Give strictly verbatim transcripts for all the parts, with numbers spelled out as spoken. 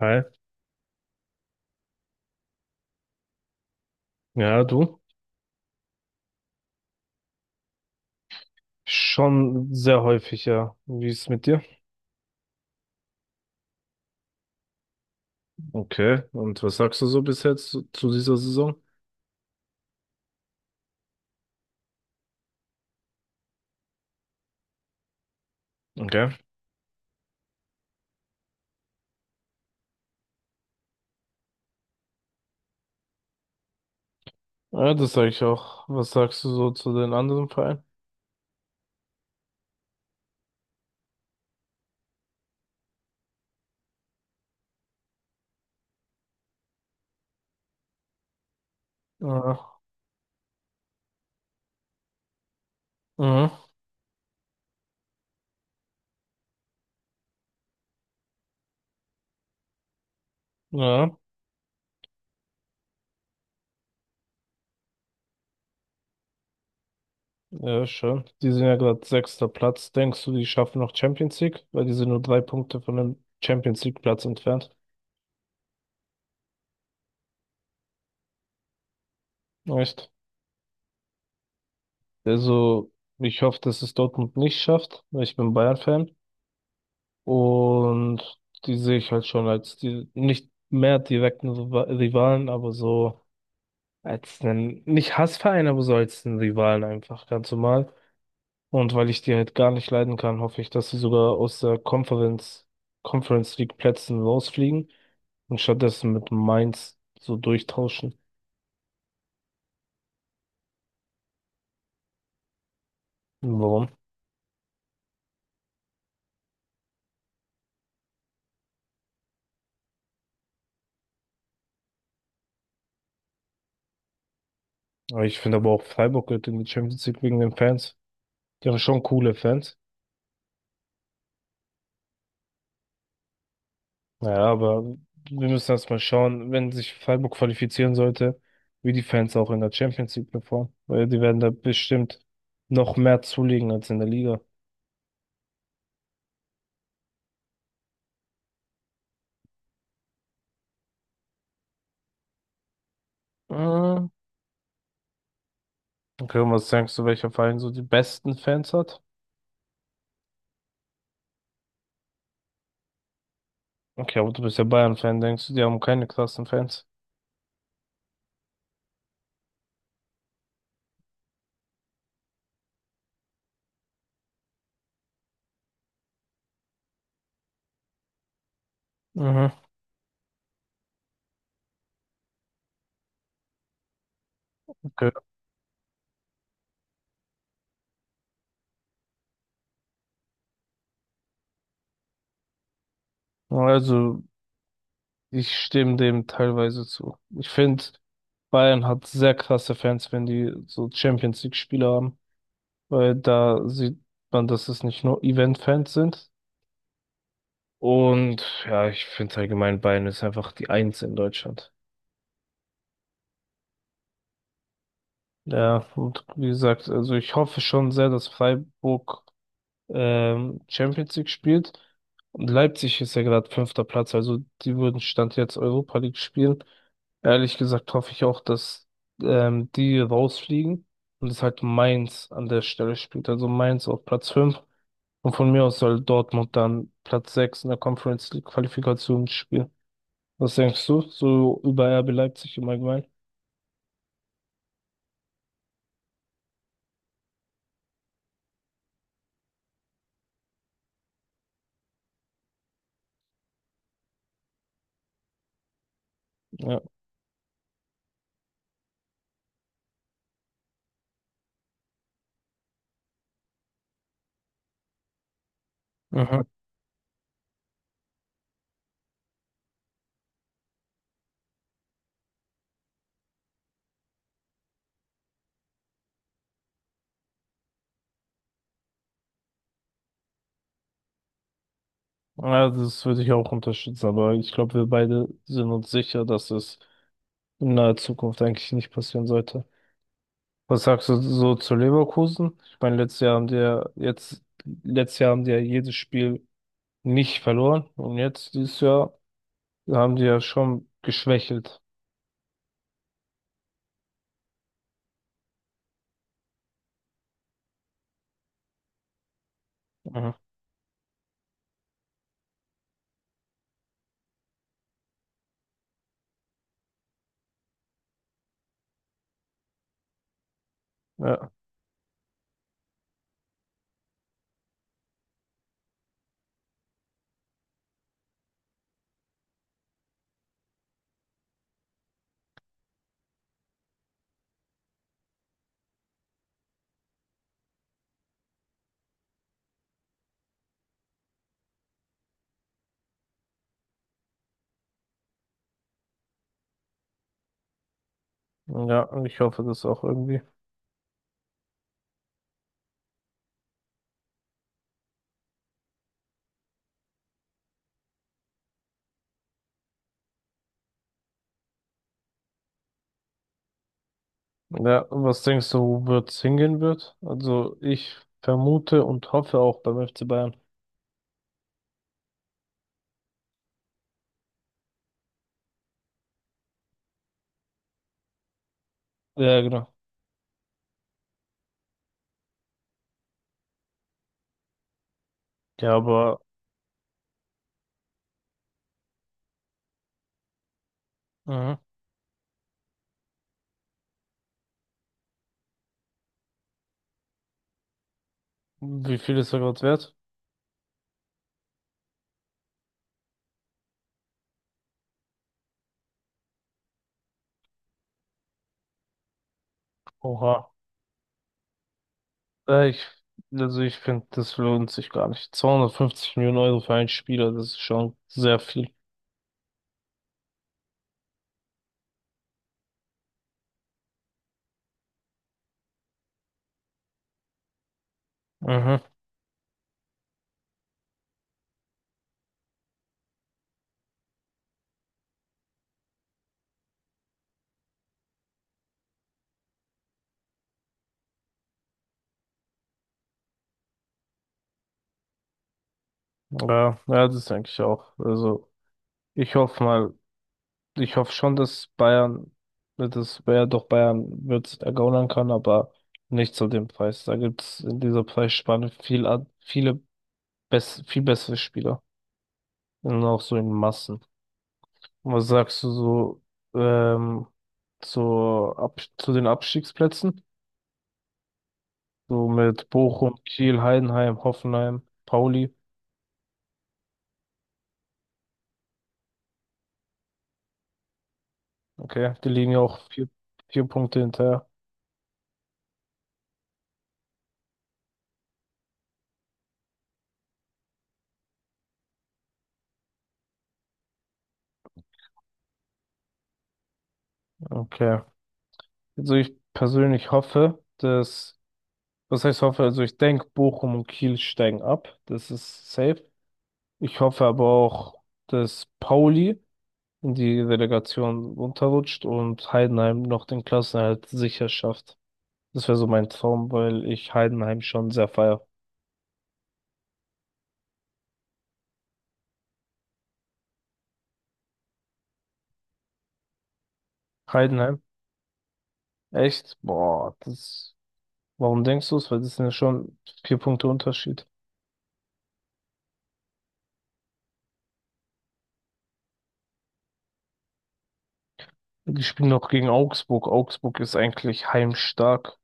Hi. Ja, du? Schon sehr häufig, ja. Wie ist es mit dir? Okay. Und was sagst du so bis jetzt zu zu dieser Saison? Okay. Ja, das sage ich auch. Was sagst du so zu den anderen Vereinen? Ja. Mhm. Ja. Ja, schön. Die sind ja gerade sechster Platz. Denkst du, die schaffen noch Champions League? Weil die sind nur drei Punkte von dem Champions League Platz entfernt. Echt? Also, ich hoffe, dass es Dortmund nicht schafft, weil ich bin Bayern-Fan. Und die sehe ich halt schon als die, nicht mehr direkten Riva- Rivalen, aber so als einen, nicht Hassverein, aber so als einen Rivalen einfach, ganz normal. Und weil ich die halt gar nicht leiden kann, hoffe ich, dass sie sogar aus der Conference, Conference League Plätzen rausfliegen und stattdessen mit Mainz so durchtauschen. Warum? Aber ich finde aber auch Freiburg gehört in die Champions League wegen den Fans. Die haben schon coole Fans. Naja, aber wir müssen erstmal schauen, wenn sich Freiburg qualifizieren sollte, wie die Fans auch in der Champions League performen. Weil die werden da bestimmt noch mehr zulegen als in der Liga. Mhm. Okay, und was denkst du, welcher Verein so die besten Fans hat? Okay, aber du bist ja Bayern-Fan, denkst du, die haben keine krassen Fans? Mhm. Okay. Also, ich stimme dem teilweise zu. Ich finde, Bayern hat sehr krasse Fans, wenn die so Champions League-Spiele haben, weil da sieht man, dass es nicht nur Event-Fans sind. Und ja, ich finde allgemein Bayern ist einfach die Eins in Deutschland. Ja, und wie gesagt, also ich hoffe schon sehr, dass Freiburg ähm, Champions League spielt. Und Leipzig ist ja gerade fünfter Platz, also die würden Stand jetzt Europa League spielen. Ehrlich gesagt hoffe ich auch, dass ähm, die rausfliegen und es halt Mainz an der Stelle spielt. Also Mainz auf Platz fünf und von mir aus soll Dortmund dann Platz sechs in der Conference League Qualifikation spielen. Was denkst du so über R B Leipzig im Allgemeinen? Ja. Mhm. Ja, das würde ich auch unterstützen, aber ich glaube, wir beide sind uns sicher, dass es in naher Zukunft eigentlich nicht passieren sollte. Was sagst du so zu Leverkusen? Ich meine, letztes Jahr haben die ja jetzt, letztes Jahr haben die ja jedes Spiel nicht verloren und jetzt dieses Jahr haben die ja schon geschwächelt. Mhm. Ja, ja, und ich hoffe, das auch irgendwie. Ja, was denkst du, wo wird's hingehen wird? Also ich vermute und hoffe auch beim F C Bayern. Ja, genau. Ja, aber mhm. Wie viel ist er gerade wert? Oha. Äh, ich, also ich finde, das lohnt sich gar nicht. zweihundertfünfzig Millionen Euro für einen Spieler, das ist schon sehr viel. Mhm. Ja, ja, das denke ich auch. Also ich hoffe mal, Ich hoffe schon, dass Bayern, dass wer doch Bayern wird ergaunern kann, aber nicht zu dem Preis. Da gibt es in dieser Preisspanne viel, an- viele bess viel bessere Spieler. Und auch so in Massen. Was sagst du so ähm, zur Ab zu den Abstiegsplätzen? So mit Bochum, Kiel, Heidenheim, Hoffenheim, Pauli. Okay, die liegen ja auch vier, vier Punkte hinterher. Okay. Also ich persönlich hoffe, dass Was heißt hoffe? Also ich denke, Bochum und Kiel steigen ab. Das ist safe. Ich hoffe aber auch, dass Pauli in die Relegation runterrutscht und Heidenheim noch den Klassenerhalt sicher schafft. Das wäre so mein Traum, weil ich Heidenheim schon sehr feier. Heidenheim? Echt? Boah, das. Warum denkst du es? Weil das sind ja schon vier Punkte Unterschied. Die spielen noch gegen Augsburg. Augsburg ist eigentlich heimstark.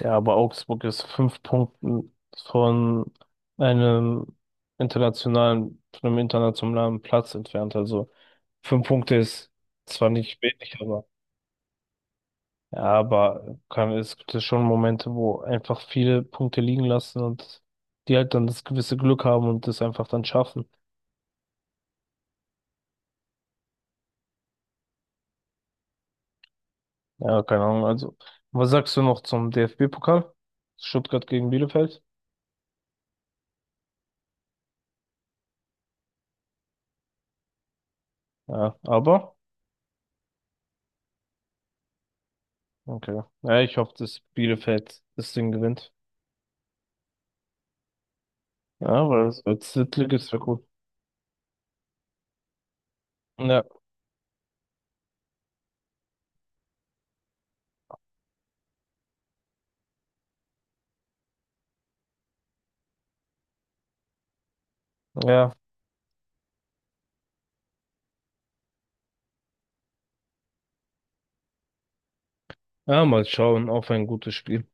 Ja, aber Augsburg ist fünf Punkten von einem internationalen, von einem internationalen Platz entfernt. Also fünf Punkte ist zwar nicht wenig, aber ja, aber kann, es gibt ja schon Momente, wo einfach viele Punkte liegen lassen und die halt dann das gewisse Glück haben und das einfach dann schaffen. Ja, keine Ahnung. Also, was sagst du noch zum D F B-Pokal? Stuttgart gegen Bielefeld? Ja, aber okay. Ja, ich hoffe, dass Bielefeld das Ding gewinnt. Ja, weil das als Drittligist wäre gut. Ja, ja. Ja, mal schauen auf ein gutes Spiel.